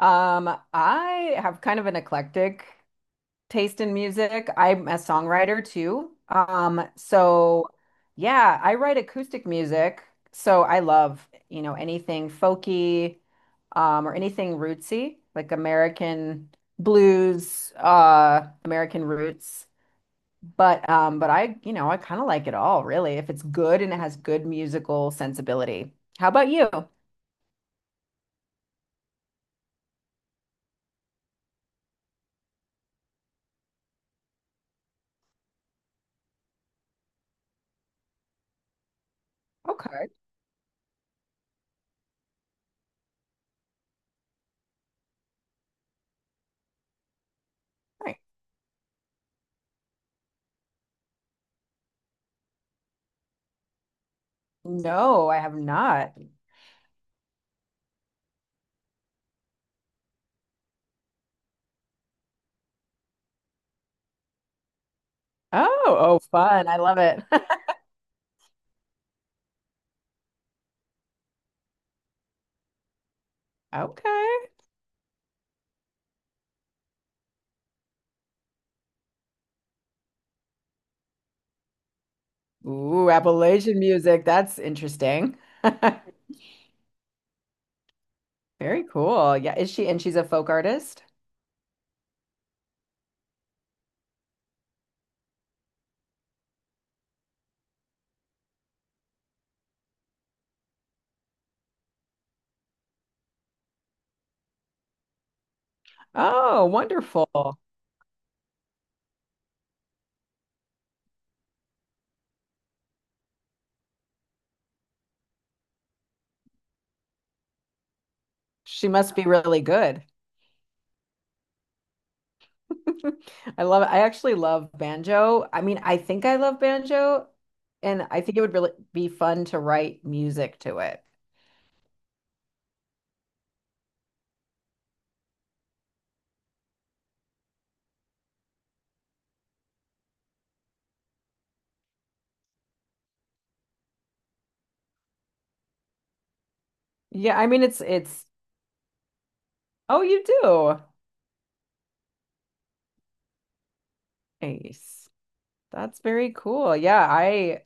Um, I have kind of an eclectic taste in music. I'm a songwriter too. So yeah, I write acoustic music. So I love anything folky, or anything rootsy, like American blues, American roots. But I kind of like it all, really, if it's good and it has good musical sensibility. How about you? Okay. All right. No, I have not. Oh, oh, fun. I love it. Okay. Ooh, Appalachian music. That's interesting. Very cool. Yeah, is she and she's a folk artist? Oh, wonderful. She must be really good. I actually love banjo. I mean, I think I love banjo and I think it would really be fun to write music to it. Yeah, I mean it's oh, you do. Nice. That's very cool. Yeah, I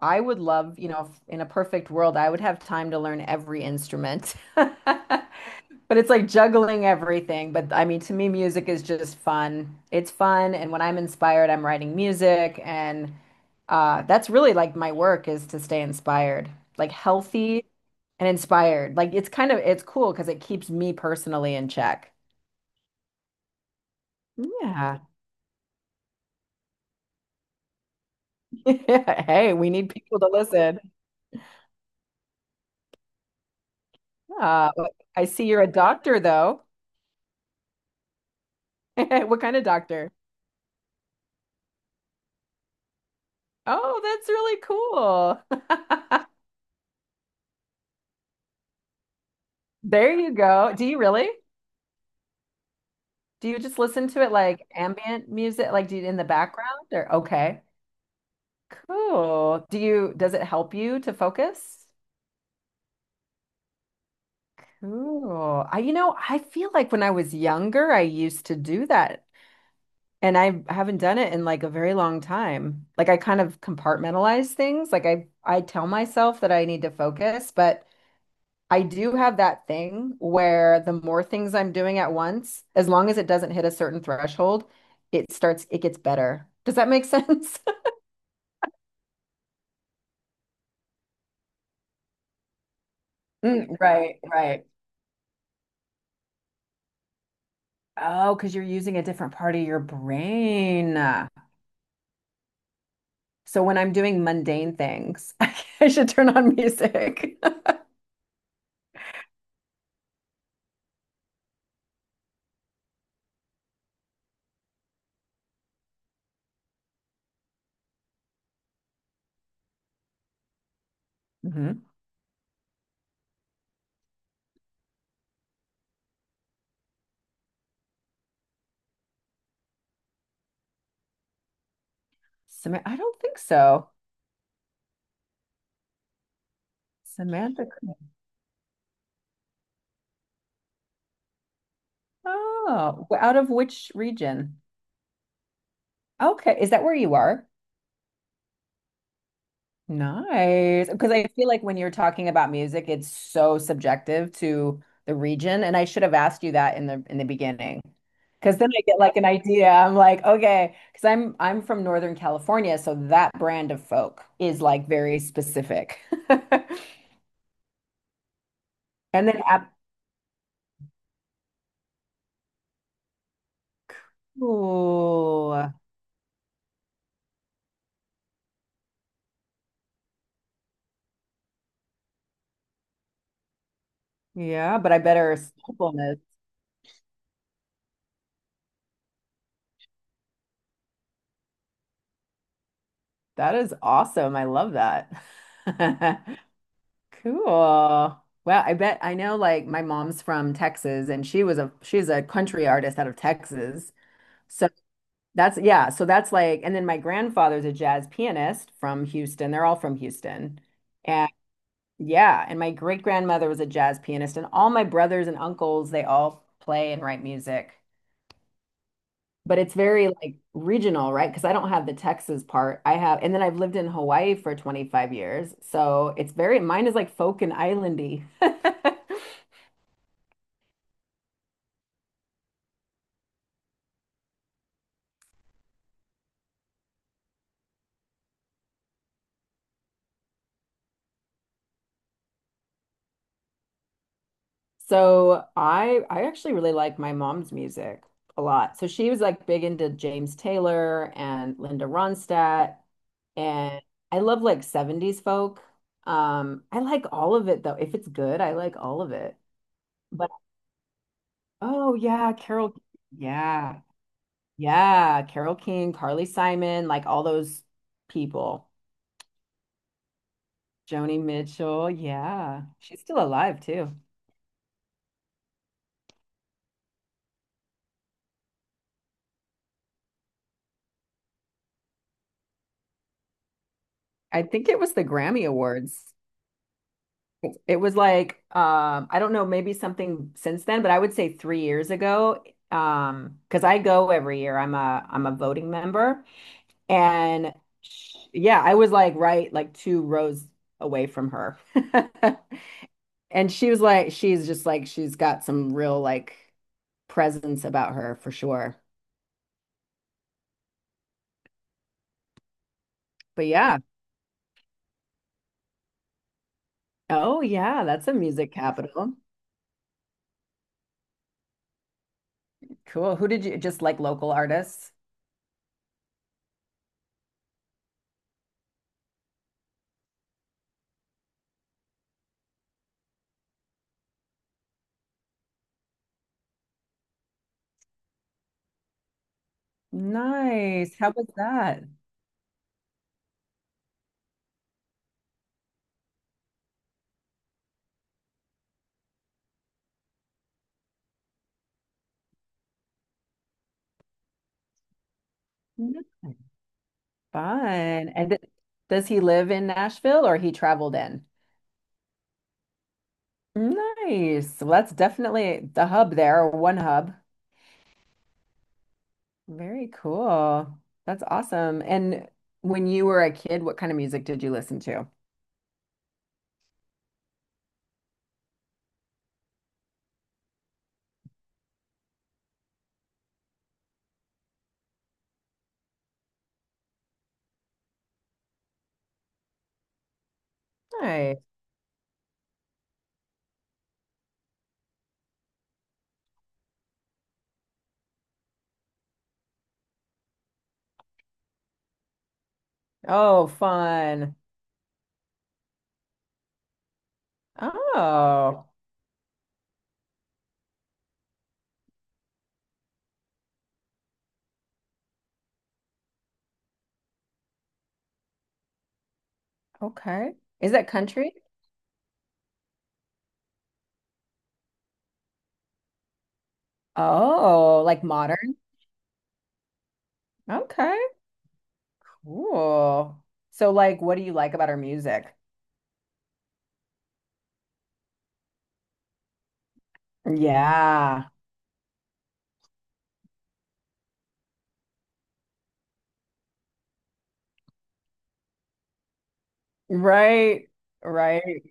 I would love if in a perfect world, I would have time to learn every instrument. But it's like juggling everything. But I mean, to me, music is just fun. It's fun. And when I'm inspired, I'm writing music. And that's really like my work is to stay inspired, like healthy and inspired. Like it's cool because it keeps me personally in check. Yeah. Hey, we need people to listen. Uh, I see you're a doctor, though. What kind of doctor? Oh, that's really cool. There you go. Do you really? Do you just listen to it like ambient music, like do you in the background, or okay. Cool. Does it help you to focus? Cool. I feel like when I was younger, I used to do that and I haven't done it in like a very long time. Like I, kind of compartmentalize things. Like I tell myself that I need to focus, but I do have that thing where the more things I'm doing at once, as long as it doesn't hit a certain threshold, it gets better. Does that make sense? Mm, right, right. Oh, because you're using a different part of your brain. So when I'm doing mundane things, I should turn on music. Hmm. Sam I don't think so. Samantha. Oh, out of which region? Okay. Is that where you are? Nice. Because I feel like when you're talking about music, it's so subjective to the region. And I should have asked you that in the beginning. Because then I get like an idea. I'm like, okay, because I'm from Northern California, so that brand of folk is like very specific. And then, ooh, yeah, but I better sampleness. That is awesome. I love that. Cool. Wow, I bet I know like my mom's from Texas and she's a country artist out of Texas. So so that's like and then my grandfather's a jazz pianist from Houston. They're all from Houston. And yeah, and my great grandmother was a jazz pianist and all my brothers and uncles, they all play and write music. But it's very like regional, right? Because I don't have the Texas part. I have and then I've lived in Hawaii for 25 years. So it's very mine is like folk and islandy. So I actually really like my mom's music a lot. So she was like big into James Taylor and Linda Ronstadt and I love like 70s folk. I like all of it though. If it's good, I like all of it. But oh yeah, Carol yeah. Yeah, Carol King, Carly Simon, like all those people. Joni Mitchell, yeah. She's still alive too. I think it was the Grammy Awards. It was like I don't know, maybe something since then, but I would say 3 years ago, because I go every year. I'm a voting member, and sh yeah, I was like right like two rows away from her, and she was like, she's just like she's got some real like presence about her for sure. But yeah, oh yeah, that's a music capital. Cool. Who did you just like local artists? Nice. How was that? Fun. And does he live in Nashville or he traveled in? Nice. Well, that's definitely the hub there, or one hub. Very cool. That's awesome. And when you were a kid, what kind of music did you listen to? Nice. Oh, fun. Oh, okay. Is that country? Oh, like modern? Okay. Cool. So, like, what do you like about our music? Yeah. Right. Right.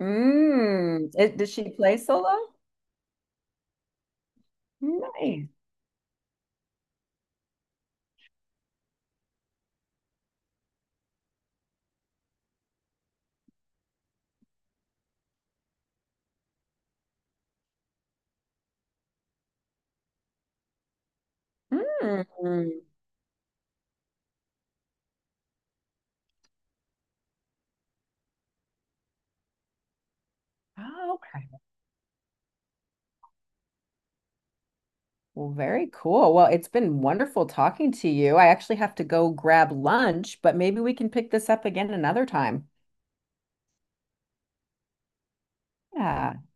Mm. Does she play solo? Nice. Mm. Oh, okay. Well, very cool. Well, it's been wonderful talking to you. I actually have to go grab lunch, but maybe we can pick this up again another time. Yeah.